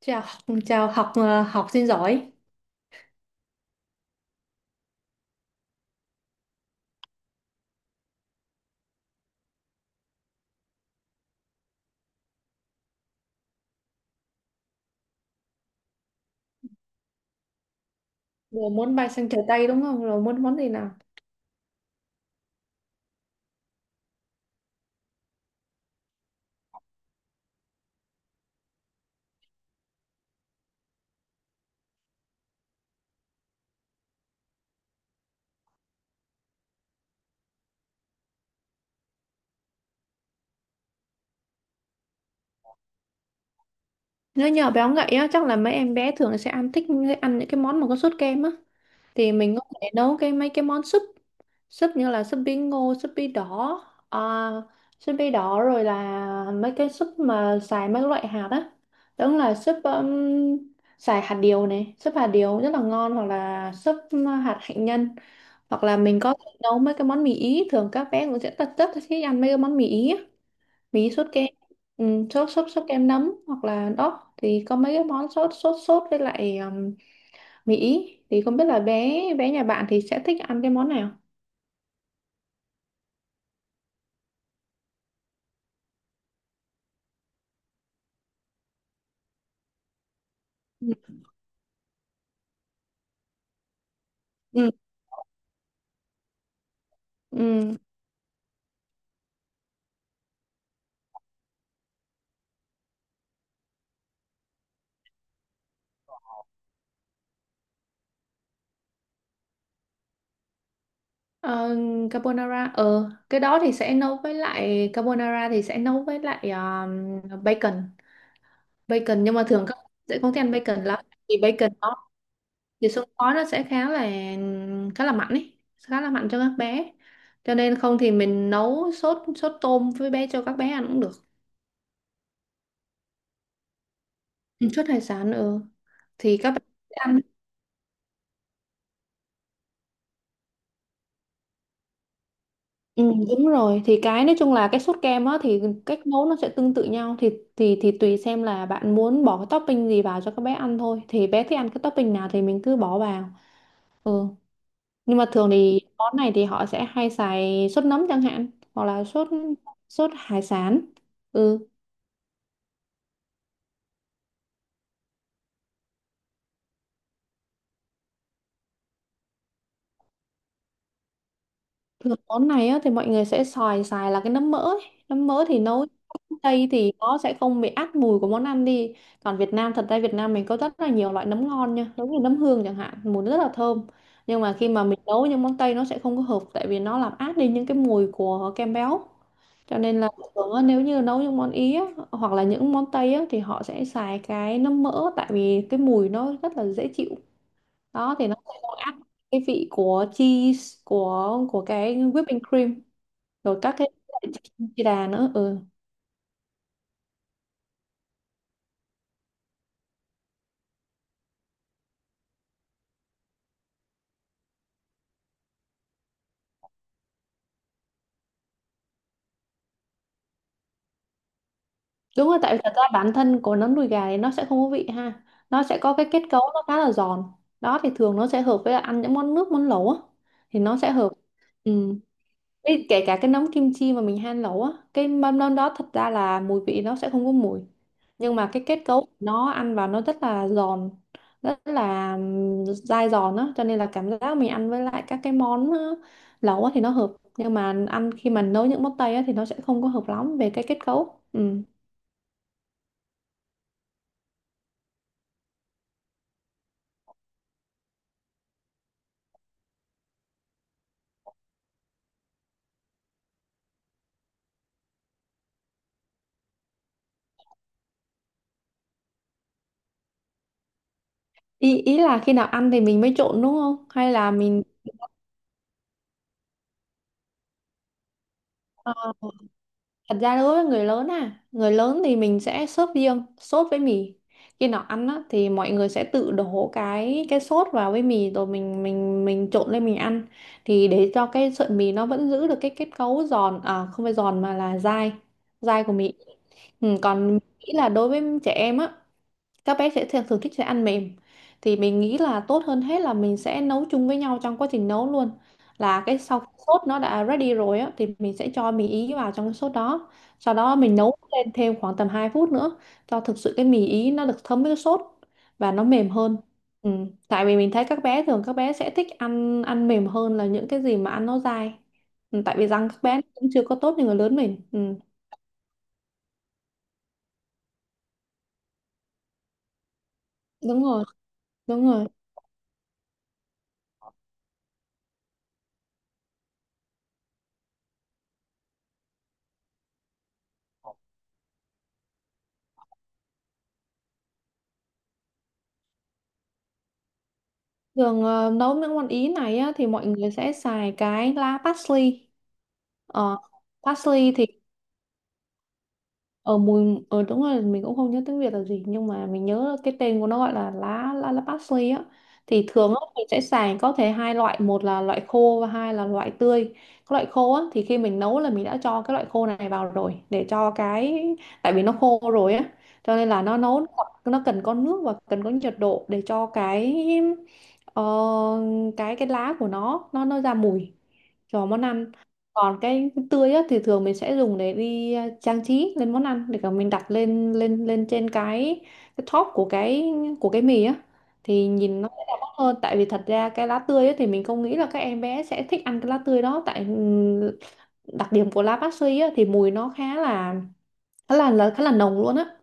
Chào học sinh giỏi. Vừa muốn bay sang trời Tây đúng không? Rồi muốn món gì nào? Nếu nhỏ béo ngậy á, chắc là mấy em bé thường sẽ thích ăn những cái món mà có sốt kem á. Thì mình có thể nấu mấy cái món súp súp như là súp bí ngô, súp bí đỏ. uh, Rồi là mấy cái súp mà xài mấy loại hạt á. Đúng là súp Xài hạt điều này, súp hạt điều rất là ngon, hoặc là súp hạt hạnh nhân. Hoặc là mình có thể nấu mấy cái món mì Ý, thường các bé cũng sẽ rất rất thích ăn mấy cái món mì Ý á. Mì Ý sốt kem. Ừ, sốt sốt sốt kem nấm, hoặc là đó thì có mấy cái món sốt sốt sốt với lại mì Ý, thì không biết là bé bé nhà bạn thì sẽ thích ăn cái món nào. Ừ. Ừ. Ừ. Ờ, carbonara, cái đó thì sẽ nấu với lại carbonara, thì sẽ nấu với lại bacon bacon, nhưng mà thường các bạn sẽ không thích ăn bacon lắm. Vì bacon nó, thì xương khói nó sẽ khá là mạnh ấy, khá là mạnh cho các bé. Cho nên không thì mình nấu sốt sốt tôm với bé cho các bé ăn cũng được. Ừ, sốt hải sản. Ừ. Thì các bé sẽ ăn. Ừ, đúng rồi, thì cái nói chung là cái sốt kem á, thì cách nấu nó sẽ tương tự nhau, thì tùy xem là bạn muốn bỏ cái topping gì vào cho các bé ăn thôi, thì bé thích ăn cái topping nào thì mình cứ bỏ vào. Ừ. Nhưng mà thường thì món này thì họ sẽ hay xài sốt nấm chẳng hạn, hoặc là sốt sốt hải sản. Ừ. Rồi món này á, thì mọi người sẽ xài xài là cái nấm mỡ ấy. Nấm mỡ thì nấu Tây thì nó sẽ không bị át mùi của món ăn đi. Còn Việt Nam, thật ra Việt Nam mình có rất là nhiều loại nấm ngon nha, giống như nấm hương chẳng hạn, mùi nó rất là thơm. Nhưng mà khi mà mình nấu những món Tây nó sẽ không có hợp, tại vì nó làm át đi những cái mùi của kem béo. Cho nên là thường á, nếu như nấu những món Ý á, hoặc là những món Tây á, thì họ sẽ xài cái nấm mỡ tại vì cái mùi nó rất là dễ chịu. Đó thì nó sẽ có áp cái vị của cheese, của cái whipping cream, rồi các cái chi đà nữa. Ừ. Đúng rồi, tại vì thật ra bản thân của nấm đùi gà thì nó sẽ không có vị ha, nó sẽ có cái kết cấu nó khá là giòn. Đó thì thường nó sẽ hợp với là ăn những món nước, món lẩu á, thì nó sẽ hợp. Ừ. Ê, kể cả cái nấm kim chi mà mình han nấu á, cái mâm nấm đó thật ra là mùi vị nó sẽ không có mùi, nhưng mà cái kết cấu nó ăn vào nó rất là giòn, rất là dai giòn á, cho nên là cảm giác mình ăn với lại các cái món lẩu á thì nó hợp. Nhưng mà ăn khi mà nấu những món Tây á thì nó sẽ không có hợp lắm về cái kết cấu. Ừ. ý ý là khi nào ăn thì mình mới trộn đúng không, hay là mình, ờ, thật ra đối với người lớn à, người lớn thì mình sẽ sốt riêng, sốt với mì. Khi nào ăn á, thì mọi người sẽ tự đổ cái sốt vào với mì rồi mình trộn lên mình ăn, thì để cho cái sợi mì nó vẫn giữ được cái kết cấu giòn, à không phải giòn mà là dai, dai của mì. Ừ, còn mình nghĩ là đối với trẻ em á, các bé sẽ thường thích sẽ ăn mềm, thì mình nghĩ là tốt hơn hết là mình sẽ nấu chung với nhau trong quá trình nấu luôn, là cái sau khi sốt nó đã ready rồi á thì mình sẽ cho mì Ý vào trong cái sốt đó, sau đó mình nấu lên thêm khoảng tầm 2 phút nữa, cho thực sự cái mì Ý nó được thấm với cái sốt và nó mềm hơn. Ừ. Tại vì mình thấy các bé, thường các bé sẽ thích ăn ăn mềm hơn là những cái gì mà ăn nó dai. Ừ. Tại vì răng các bé nó cũng chưa có tốt như người lớn mình. Ừ. Đúng rồi, đúng rồi. Thường, nấu những món Ý này á, thì mọi người sẽ xài cái lá parsley. Ờ, Parsley thì, ờ mùi, đúng rồi, mình cũng không nhớ tiếng Việt là gì, nhưng mà mình nhớ cái tên của nó gọi là lá lá lá parsley á. Thì thường á, mình sẽ xài có thể hai loại, một là loại khô và hai là loại tươi. Cái loại khô á, thì khi mình nấu là mình đã cho cái loại khô này vào rồi, để cho cái, tại vì nó khô rồi á, cho nên là nó nấu, nó cần có nước và cần có nhiệt độ để cho cái, ờ, cái lá của nó nó ra mùi cho món ăn. Còn cái tươi á, thì thường mình sẽ dùng để trang trí lên món ăn, để cả mình đặt lên lên lên trên cái top của cái mì á, thì nhìn nó sẽ đẹp mắt hơn, tại vì thật ra cái lá tươi á, thì mình không nghĩ là các em bé sẽ thích ăn cái lá tươi đó, tại đặc điểm của lá bát suy á, thì mùi nó khá là nồng luôn á.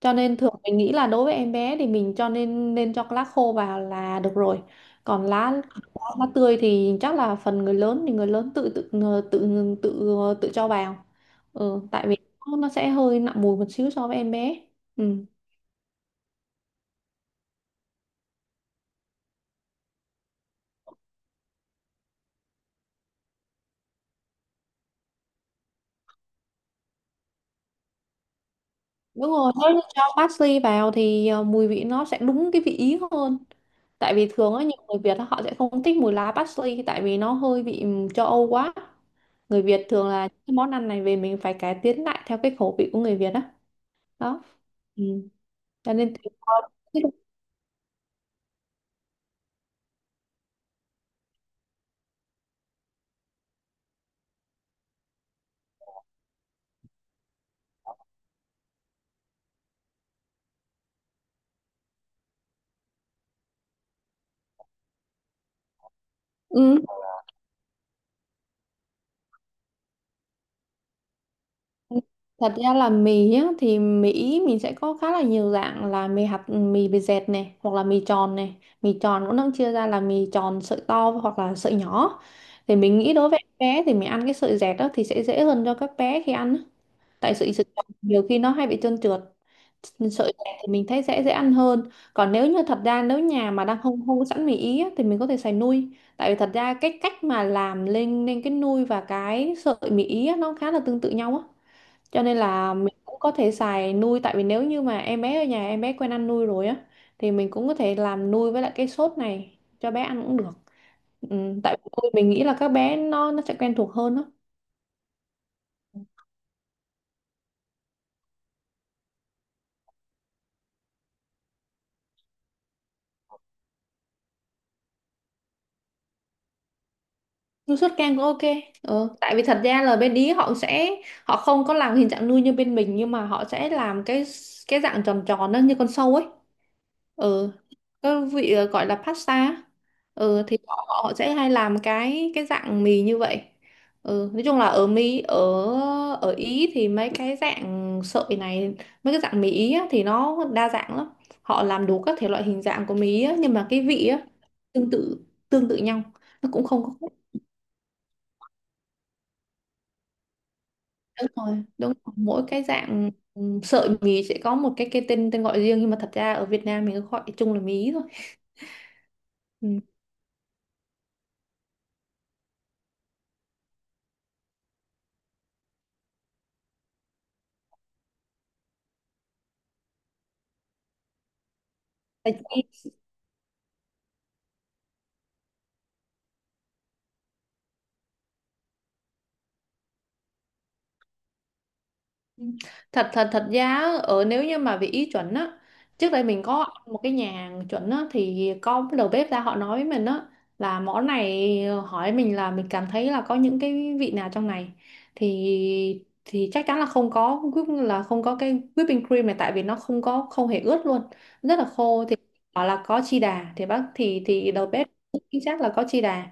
Cho nên thường mình nghĩ là đối với em bé thì mình cho nên nên cho lá khô vào là được rồi. Còn lá lá, lá tươi thì chắc là phần người lớn, thì người lớn tự tự tự tự tự cho vào. Ừ, tại vì nó sẽ hơi nặng mùi một xíu so với em bé. Ừ. Đúng rồi, nếu như cho parsley vào thì mùi vị nó sẽ đúng cái vị Ý hơn. Tại vì thường á, nhiều người Việt á, họ sẽ không thích mùi lá parsley tại vì nó hơi vị châu Âu quá. Người Việt thường là cái món ăn này về mình phải cải tiến lại theo cái khẩu vị của người Việt á. Đó. Ừ. Cho nên tùy thôi. Ừ. Thật ra là mì nhá, thì Mỹ mình sẽ có khá là nhiều dạng, là mì hạt, mì bề dẹt này, hoặc là mì tròn này. Mì tròn cũng đang chia ra là mì tròn sợi to hoặc là sợi nhỏ. Thì mình nghĩ đối với em bé thì mình ăn cái sợi dẹt đó thì sẽ dễ hơn cho các bé khi ăn á. Tại sợi sợi tròn nhiều khi nó hay bị trơn trượt, sợi dày thì mình thấy sẽ dễ ăn hơn. Còn nếu như, thật ra nếu nhà mà đang không không có sẵn mì Ý á, thì mình có thể xài nui, tại vì thật ra cách cách mà làm lên lên cái nui và cái sợi mì Ý á, nó khá là tương tự nhau á, cho nên là mình cũng có thể xài nui. Tại vì nếu như mà em bé ở nhà, em bé quen ăn nui rồi á, thì mình cũng có thể làm nui với lại cái sốt này cho bé ăn cũng được. Ừ, tại vì nui mình nghĩ là các bé nó sẽ quen thuộc hơn á. Nuôi sốt kem cũng ok. Tại vì thật ra là bên Ý họ sẽ, họ không có làm hình dạng nuôi như bên mình, nhưng mà họ sẽ làm cái dạng tròn tròn đó như con sâu ấy. Ừ, cái vị, gọi là pasta á. Ừ, thì họ sẽ hay làm cái dạng mì như vậy. Ừ, nói chung là ở Mỹ, ở ở Ý thì mấy cái dạng sợi này, mấy cái dạng mì Ý á, thì nó đa dạng lắm. Họ làm đủ các thể loại hình dạng của mì Ý á, nhưng mà cái vị á, tương tự tương tự nhau, nó cũng không có. Đúng rồi, đúng rồi. Mỗi cái dạng, sợi mì sẽ có một cái tên tên gọi riêng, nhưng mà thật ra ở Việt Nam mình cứ gọi chung là mí thôi. Ừ. thật thật thật ra á, nếu như mà về Ý chuẩn á, trước đây mình có ăn một cái nhà hàng chuẩn á thì có cái đầu bếp ra họ nói với mình á, là món này, hỏi mình là mình cảm thấy là có những cái vị nào trong này, thì chắc chắn là không có là không có cái whipping cream này, tại vì nó không hề ướt luôn, rất là khô. Thì bảo là có chi đà, thì bác thì đầu bếp chính xác là có chi đà,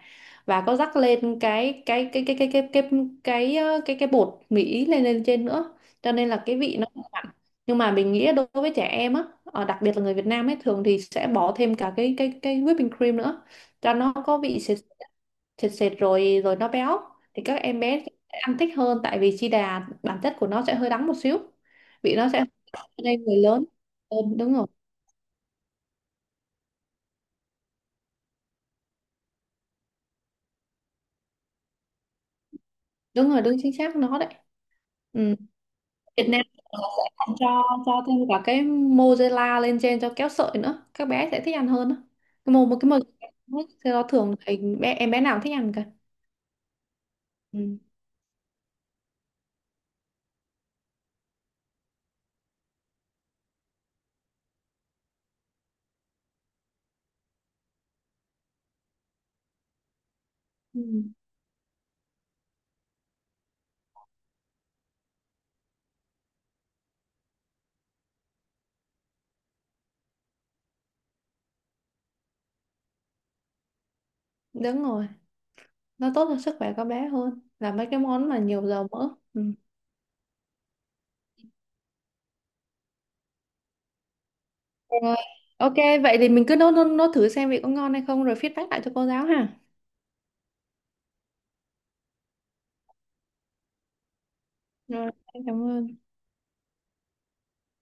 và có rắc lên cái bột Mỹ lên lên trên nữa, cho nên là cái vị nó không hẳn. Nhưng mà mình nghĩ đối với trẻ em á, đặc biệt là người Việt Nam ấy, thường thì sẽ bỏ thêm cả cái whipping cream nữa cho nó có vị sệt sệt, sệt rồi rồi nó béo, thì các em bé sẽ ăn thích hơn, tại vì chi đà bản chất của nó sẽ hơi đắng một xíu, vị nó sẽ, cho nên người lớn. Ừ, đúng rồi, đúng rồi, đúng chính xác nó đấy. Ừ. Việt Nam sẽ còn cho thêm cả cái mozzarella lên trên cho kéo sợi nữa, các bé sẽ thích ăn hơn đó. Cái mô Một cái mozzarella, thì nó thường thì em bé nào cũng thích ăn cả. Ừ. Ừ. Đúng rồi, nó tốt cho sức khỏe các bé hơn là mấy cái món mà nhiều dầu mỡ. Ừ. Rồi, ok, vậy thì mình cứ nốt nốt, nốt thử xem vị có ngon hay không rồi feedback lại cho cô giáo ha. Rồi, em cảm ơn.